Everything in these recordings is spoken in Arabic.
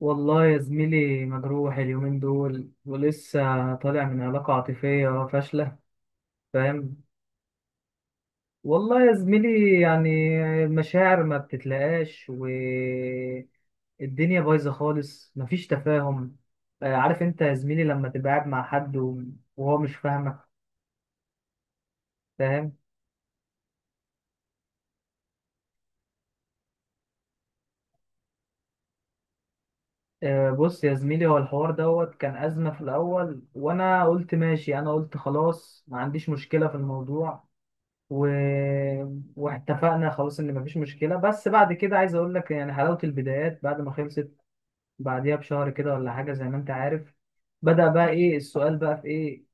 والله يا زميلي، مجروح اليومين دول ولسه طالع من علاقة عاطفية فاشلة. فاهم. والله يا زميلي يعني المشاعر ما بتتلاقاش والدنيا بايظة خالص، مفيش تفاهم. آه، عارف انت يا زميلي لما تبقى قاعد مع حد وهو مش فاهمك. فاهم. آه، بص يا زميلي، هو الحوار دوت كان أزمة في الأول، وأنا قلت ماشي، أنا قلت خلاص ما عنديش مشكلة في الموضوع. و... واتفقنا خلاص ان مفيش مشكله، بس بعد كده عايز اقول لك يعني حلاوه البدايات بعد ما خلصت، بعديها بشهر كده ولا حاجه زي ما انت عارف. بدأ بقى، ايه السؤال بقى، في ايه؟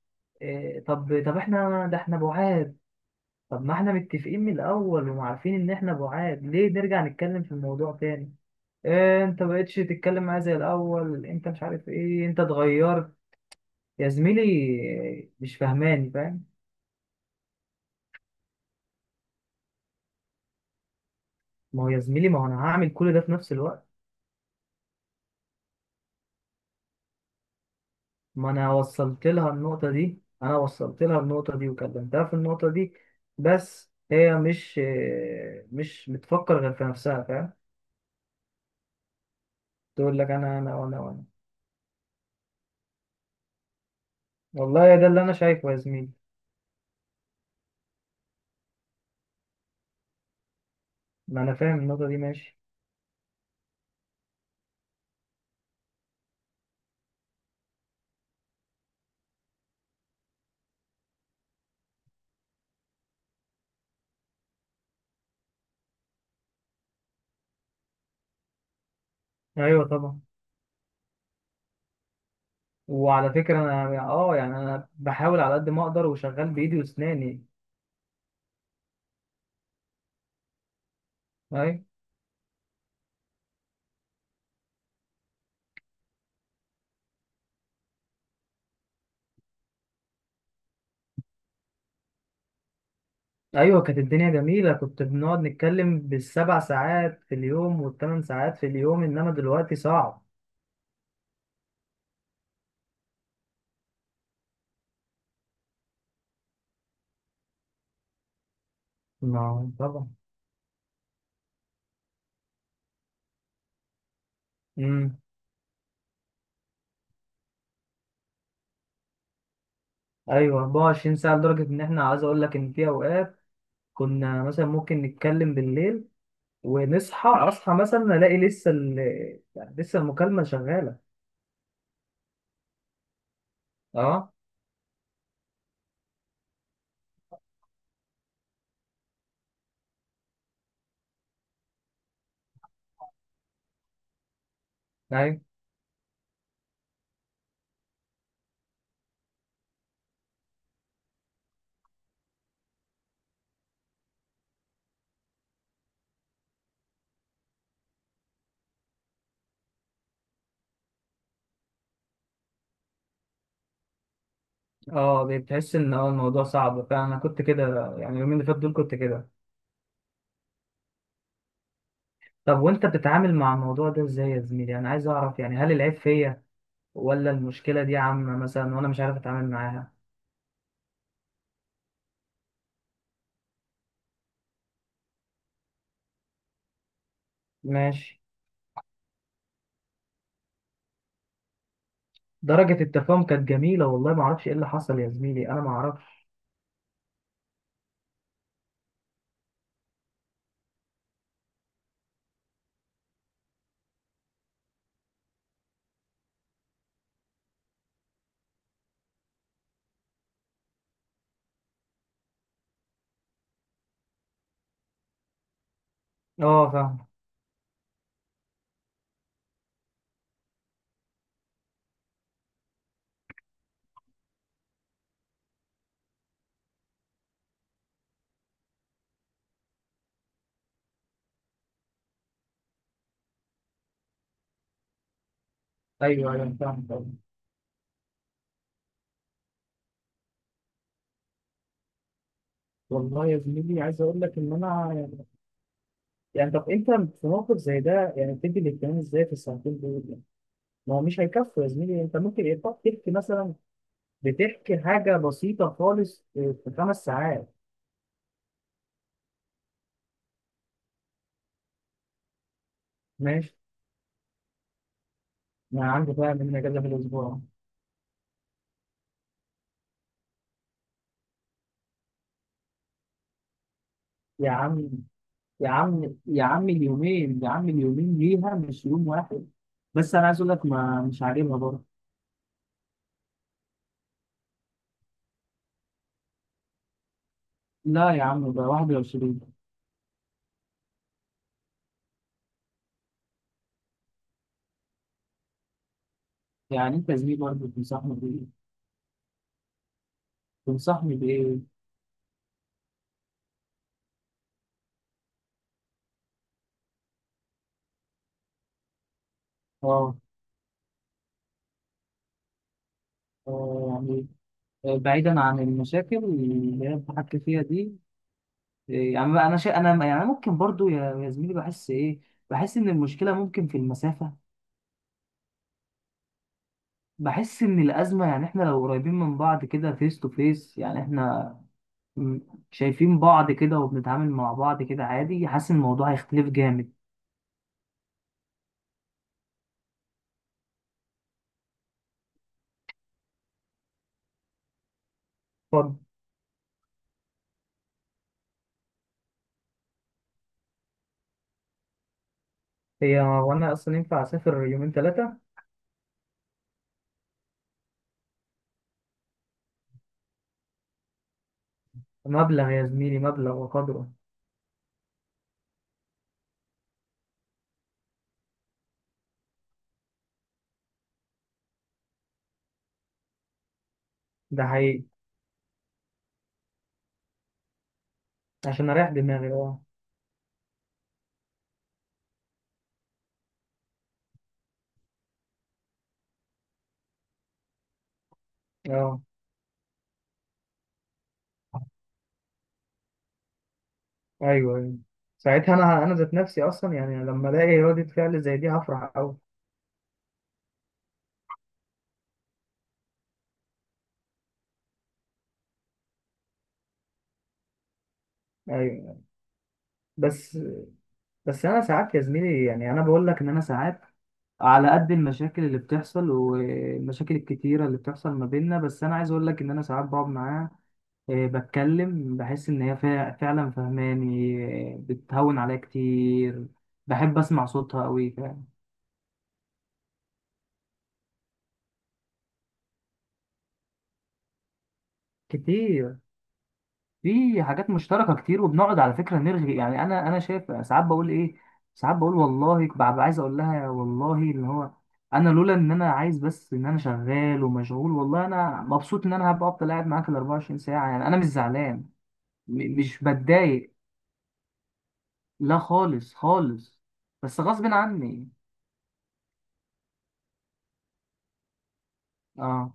إيه، طب احنا ده احنا بعاد. طب ما احنا متفقين من الاول وعارفين ان احنا بعاد، ليه نرجع نتكلم في الموضوع تاني؟ إيه، انت بقيتش تتكلم معايا زي الاول، انت مش عارف ايه، انت اتغيرت. يا زميلي إيه، مش فاهماني، فاهم. ما هو يا زميلي، ما هو انا هعمل كل ده في نفس الوقت. ما انا وصلت لها النقطة دي، انا وصلت لها النقطة دي وكلمتها في النقطة دي. بس هي مش بتفكر غير في نفسها، فاهم. تقول لك انا وانا وانا. والله ده اللي انا شايفه يا زميلي. ما انا فاهم النقطة دي، ماشي. ايوه طبعا. وعلى فكرة انا اه يعني انا بحاول على قد ما اقدر وشغال بايدي واسناني. ايوه. ايوه، كانت الدنيا جميلة، كنت بنقعد نتكلم بالسبع ساعات في اليوم والثمان ساعات في اليوم، انما دلوقتي صعب. ما طبعا. مم. ايوه 24 ساعه، لدرجه ان احنا عايز اقول لك ان في اوقات كنا مثلا ممكن نتكلم بالليل ونصحى مثلا الاقي يعني لسه المكالمه شغاله. اه. ايوه. اه بتحس ان اه الموضوع صعب فعلا. انا كنت كده، يعني اليومين اللي فاتوا دول كنت كده. طب وانت بتتعامل مع الموضوع ده ازاي يا زميلي؟ انا عايز اعرف يعني هل العيب فيا ولا المشكله دي عامه مثلا وانا مش عارف اتعامل معاها. ماشي. درجه التفاهم كانت جميله والله، ما اعرفش ايه اللي حصل يا زميلي، انا ما اعرفش. اه فاهم. ايوه ايوه فاهم. والله يا زميلي عايز اقول لك ان انا يعني، يعني طب انت في موقف زي ده يعني بتدي الاهتمام ازاي في الساعتين دول يعني؟ ما هو مش هيكفوا يا زميلي، انت ممكن يبقى تحكي مثلا، بتحكي حاجه بسيطه خالص في 5 ساعات. ماشي. ما عندي بقى من اجازه في الاسبوع. يا عم يا عم اليومين، يا عم اليومين ليها مش يوم واحد. بس انا عايز اقول لك ما مش عاجبها برضه. لا يا عم ده 21. يعني انت يا زميلي برضه بتنصحني بايه؟ تنصحني بايه؟ اه. آه، يعني بعيدا عن المشاكل اللي هي بتحكي فيها دي. إيه، يعني بقى انا يعني، أنا ممكن برضو يا زميلي بحس ايه، بحس ان المشكله ممكن في المسافه. بحس ان الازمه يعني احنا لو قريبين من بعض كده فيس تو فيس، يعني احنا م- شايفين بعض كده وبنتعامل مع بعض كده عادي، حاسس ان الموضوع هيختلف جامد. اتفضل. هي وانا اصلا ينفع اسافر يومين 3؟ مبلغ يا زميلي، مبلغ وقدره. ده حقيقي، عشان اريح دماغي اه. اه. ايوه ايوه. ساعتها انا ذات نفسي اصلا يعني لما الاقي ردة فعل زي دي هفرح قوي. ايوه. بس، انا ساعات يا زميلي، يعني انا بقول لك ان انا ساعات، على قد المشاكل اللي بتحصل والمشاكل الكتيرة اللي بتحصل ما بيننا، بس انا عايز اقول لك ان انا ساعات بقعد معاها، آه، بتكلم بحس ان هي فعلا فهماني. آه، بتهون عليا كتير. بحب اسمع صوتها قوي فعلا. كتير. في حاجات مشتركة كتير، وبنقعد على فكرة نرغي، يعني أنا شايف ساعات بقول إيه. ساعات بقول والله ببقى عايز أقول لها يا والله اللي هو، أنا لولا إن أنا عايز بس إن أنا شغال ومشغول، والله أنا مبسوط إن أنا هبقى أفضل قاعد معاك ال 24 ساعة، يعني أنا مش زعلان. مش بتضايق، لا خالص خالص، بس غصب عني. أه.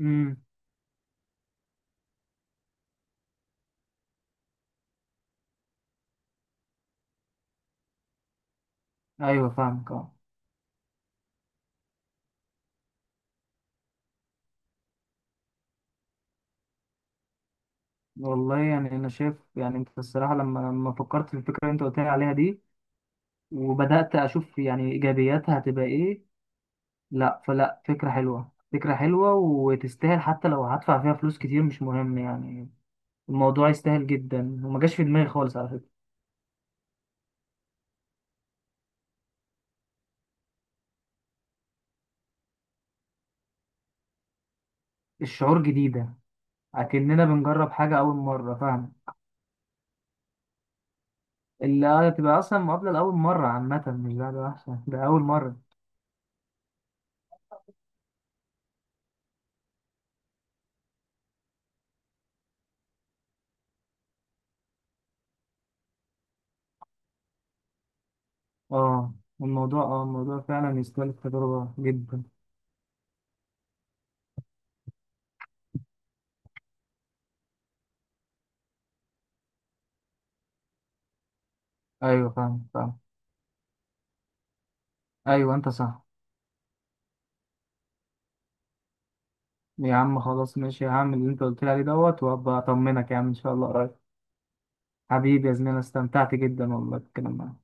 أمم. أيوه فاهمك أه. والله يعني أنا شايف، يعني أنت الصراحة لما فكرت في الفكرة اللي أنت قلت لي عليها دي، وبدأت أشوف يعني إيجابياتها هتبقى إيه. لا فكرة حلوة، فكرة حلوة، وتستاهل حتى لو هدفع فيها فلوس كتير مش مهم يعني. الموضوع يستاهل جدا، وما جاش في دماغي خالص على فكرة. الشعور جديدة، أكننا بنجرب حاجة أول مرة، فاهم. اللي هتبقى أصلا مقابلة لأول مرة عامة، مش ده أحسن، ده أول مرة. اه الموضوع اه الموضوع فعلا يستاهل التجربة جدا. أيوة فاهم فاهم. أيوة أنت صح. يا عم خلاص ماشي، هعمل اللي أنت قلت لي عليه دوت وأبقى أطمنك يا عم إن شاء الله قريب. حبيبي يا زميلي، أنا استمتعت جدا والله بالكلام معاك.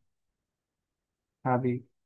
حبيبي.